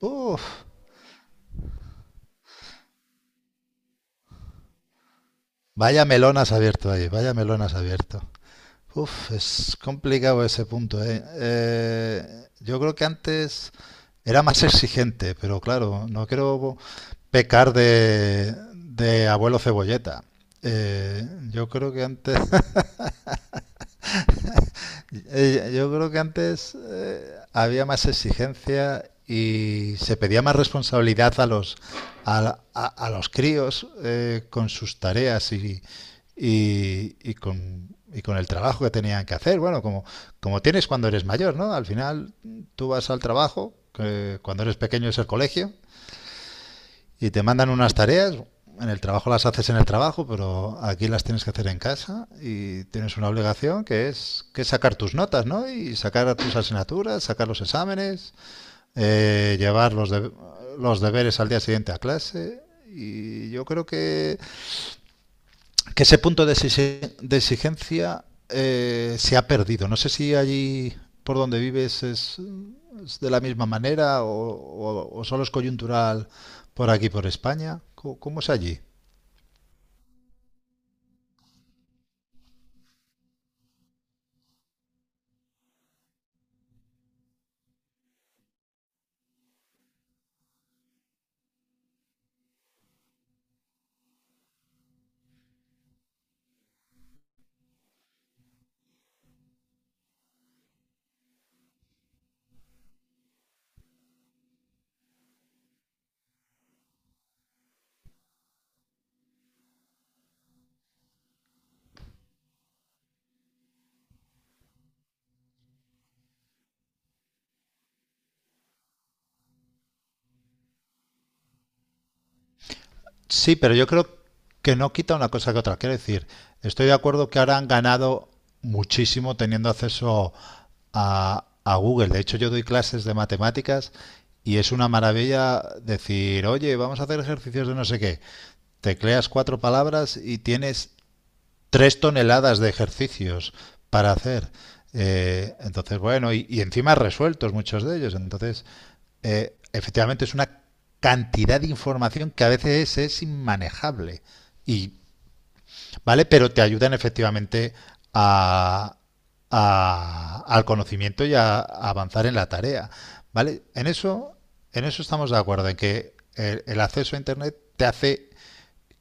Uf, vaya melón has abierto ahí, vaya melón has abierto. Uf, es complicado ese punto, ¿eh? Yo creo que antes era más exigente, pero claro, no quiero pecar de abuelo cebolleta. Eh, yo creo que antes Yo creo que antes había más exigencia y se pedía más responsabilidad a los críos con sus tareas y con el trabajo que tenían que hacer. Bueno, como tienes cuando eres mayor, ¿no? Al final tú vas al trabajo, que cuando eres pequeño es el colegio, y te mandan unas tareas, en el trabajo las haces en el trabajo, pero aquí las tienes que hacer en casa y tienes una obligación que es sacar tus notas, ¿no? Y sacar tus asignaturas, sacar los exámenes, llevar los deberes al día siguiente a clase. Y yo creo que ese punto de exigencia se ha perdido. No sé si allí por donde vives es de la misma manera o solo es coyuntural por aquí, por España. ¿Cómo es allí? Sí, pero yo creo que no quita una cosa que otra. Quiero decir, estoy de acuerdo que ahora han ganado muchísimo teniendo acceso a Google. De hecho, yo doy clases de matemáticas y es una maravilla decir, oye, vamos a hacer ejercicios de no sé qué. Tecleas cuatro palabras y tienes tres toneladas de ejercicios para hacer. Entonces, bueno, encima resueltos muchos de ellos. Entonces, efectivamente es una cantidad de información que a veces es inmanejable. Y, ¿Vale? Pero te ayudan efectivamente a, al conocimiento y avanzar en la tarea. ¿Vale? En eso estamos de acuerdo, en que el acceso a Internet te hace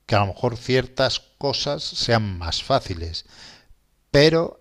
que a lo mejor ciertas cosas sean más fáciles. Pero,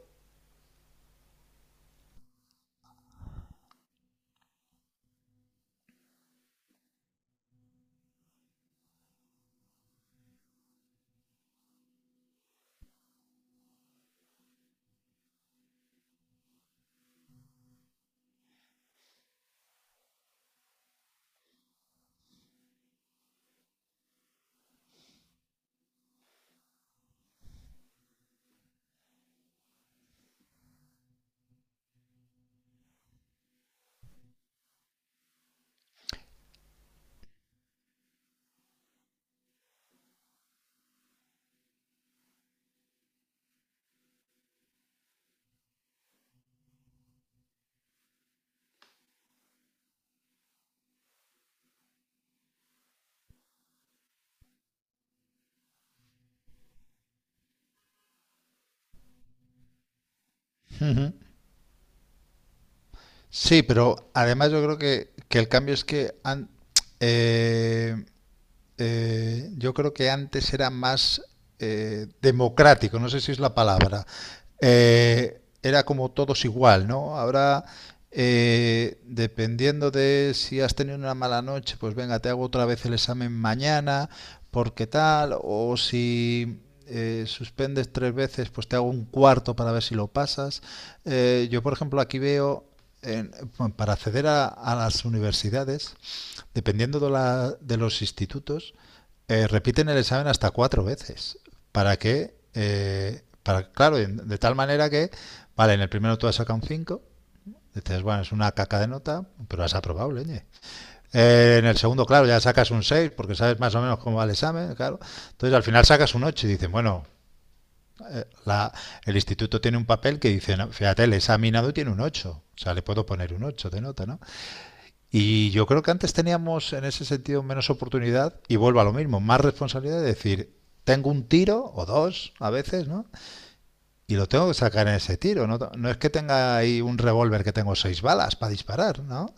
Ujú, sí, pero además yo creo que el cambio es que eh, yo creo que antes era más democrático, no sé si es la palabra. Era como todos igual, ¿no? Ahora, dependiendo de si has tenido una mala noche, pues venga, te hago otra vez el examen mañana, porque tal, o si suspendes tres veces, pues te hago un cuarto para ver si lo pasas. Yo, por ejemplo, aquí veo, en- para acceder a las universidades, dependiendo de los institutos, repiten el examen hasta cuatro veces. ¿Para qué? Para, claro, de tal manera que, vale, en el primero tú has sacado un 5, dices, bueno, es una caca de nota, pero has aprobado, leñe. En el segundo, claro, ya sacas un 6, porque sabes más o menos cómo va el examen, claro. Entonces al final sacas un 8 y dicen, bueno, eh, la, el instituto tiene un papel que dice, no, fíjate, el examinado tiene un 8, o sea, le puedo poner un 8 de nota, ¿no? Y yo creo que antes teníamos en ese sentido menos oportunidad y vuelvo a lo mismo, más responsabilidad de decir, tengo un tiro o dos a veces, ¿no? Y lo tengo que sacar en ese tiro, no, no es que tenga ahí un revólver que tengo seis balas para disparar, ¿no?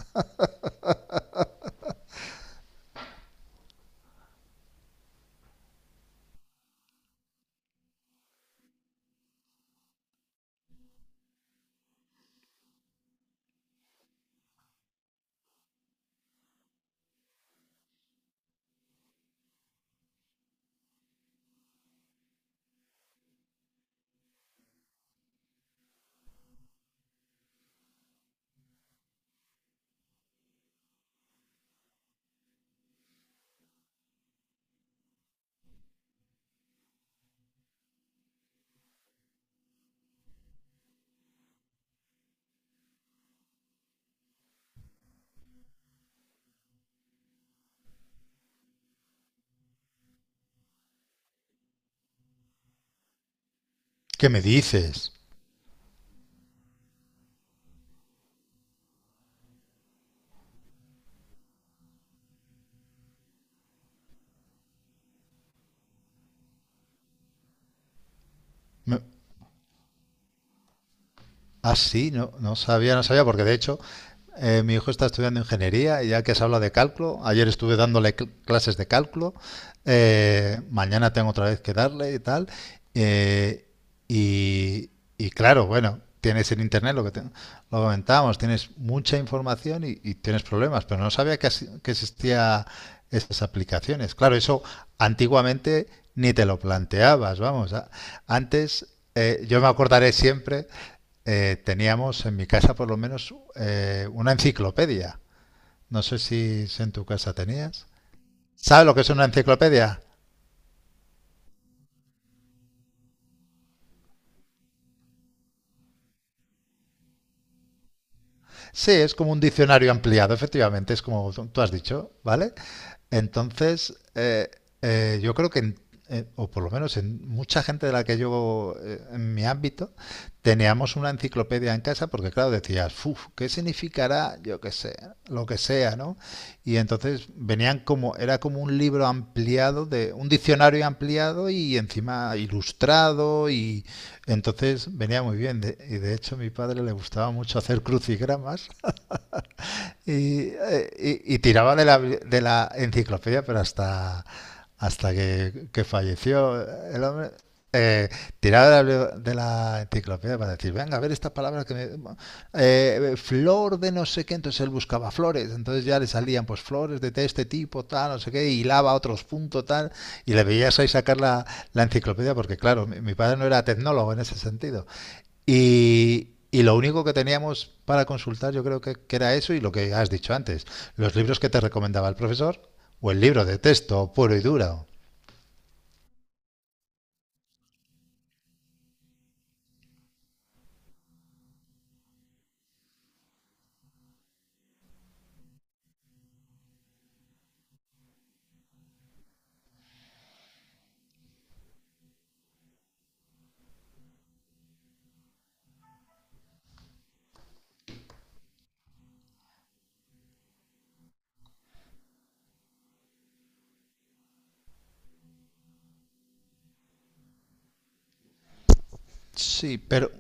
¿Qué me dices? Me, Ah, sí, no, no sabía, no sabía, porque de hecho mi hijo está estudiando ingeniería y ya que se habla de cálculo, ayer estuve dándole clases de cálculo, mañana tengo otra vez que darle y tal. eh, y, y claro, bueno, tienes en internet lo que lo comentábamos, tienes mucha información y tienes problemas, pero no sabía que existía esas aplicaciones. Claro, eso antiguamente ni te lo planteabas, vamos. Antes, yo me acordaré siempre teníamos en mi casa por lo menos una enciclopedia. No sé si en tu casa tenías. ¿Sabes lo que es una enciclopedia? Sí, es como un diccionario ampliado, efectivamente, es como tú has dicho, ¿vale? Entonces, yo creo que, o por lo menos en mucha gente de la que yo, en mi ámbito, teníamos una enciclopedia en casa porque, claro, decías, "Uf, ¿qué significará? Yo qué sé, lo que sea, ¿no? Y entonces venían como, era como un libro ampliado, de un diccionario ampliado y encima ilustrado y entonces venía muy bien. Y de hecho a mi padre le gustaba mucho hacer crucigramas y tiraba de la enciclopedia, pero hasta que falleció el hombre, eh, tiraba de la enciclopedia para decir, venga, a ver esta palabra que me... flor de no sé qué, entonces él buscaba flores, entonces ya le salían pues flores de este tipo, tal, no sé qué, hilaba a otros puntos, tal, y le veías ahí sacar la enciclopedia, porque claro, mi padre no era tecnólogo en ese sentido, y lo único que teníamos para consultar yo creo que era eso y lo que has dicho antes, los libros que te recomendaba el profesor o el libro de texto puro y duro. Sí, pero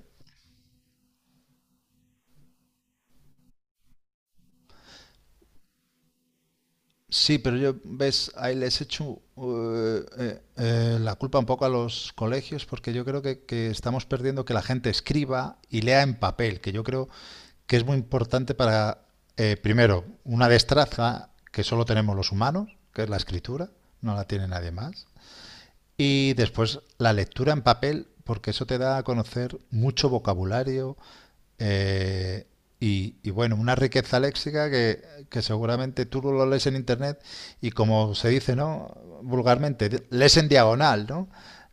sí, pero yo ves, ahí les echo la culpa un poco a los colegios porque yo creo que estamos perdiendo que la gente escriba y lea en papel, que yo creo que es muy importante para, primero, una destreza que solo tenemos los humanos, que es la escritura, no la tiene nadie más. Y después la lectura en papel, porque eso te da a conocer mucho vocabulario eh, y, bueno, una riqueza léxica que seguramente tú lo lees en internet y como se dice, ¿no? Vulgarmente, lees en diagonal, ¿no?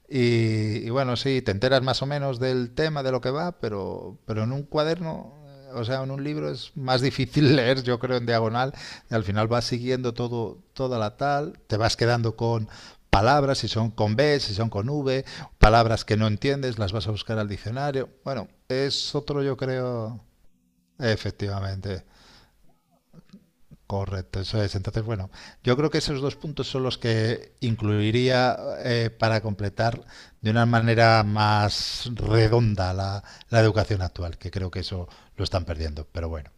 Y bueno, sí, te enteras más o menos del tema, de lo que va, pero, en un cuaderno o sea, en un libro es más difícil leer, yo creo, en diagonal. Y al final vas siguiendo todo, toda la tal, te vas quedando con palabras, si son con B, si son con V, palabras que no entiendes, las vas a buscar al diccionario. Bueno, es otro, yo creo, efectivamente, correcto, eso es. Entonces, bueno, yo creo que esos dos puntos son los que incluiría para completar de una manera más redonda la educación actual, que creo que eso lo están perdiendo. Pero bueno,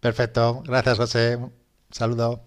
perfecto, gracias José, saludo.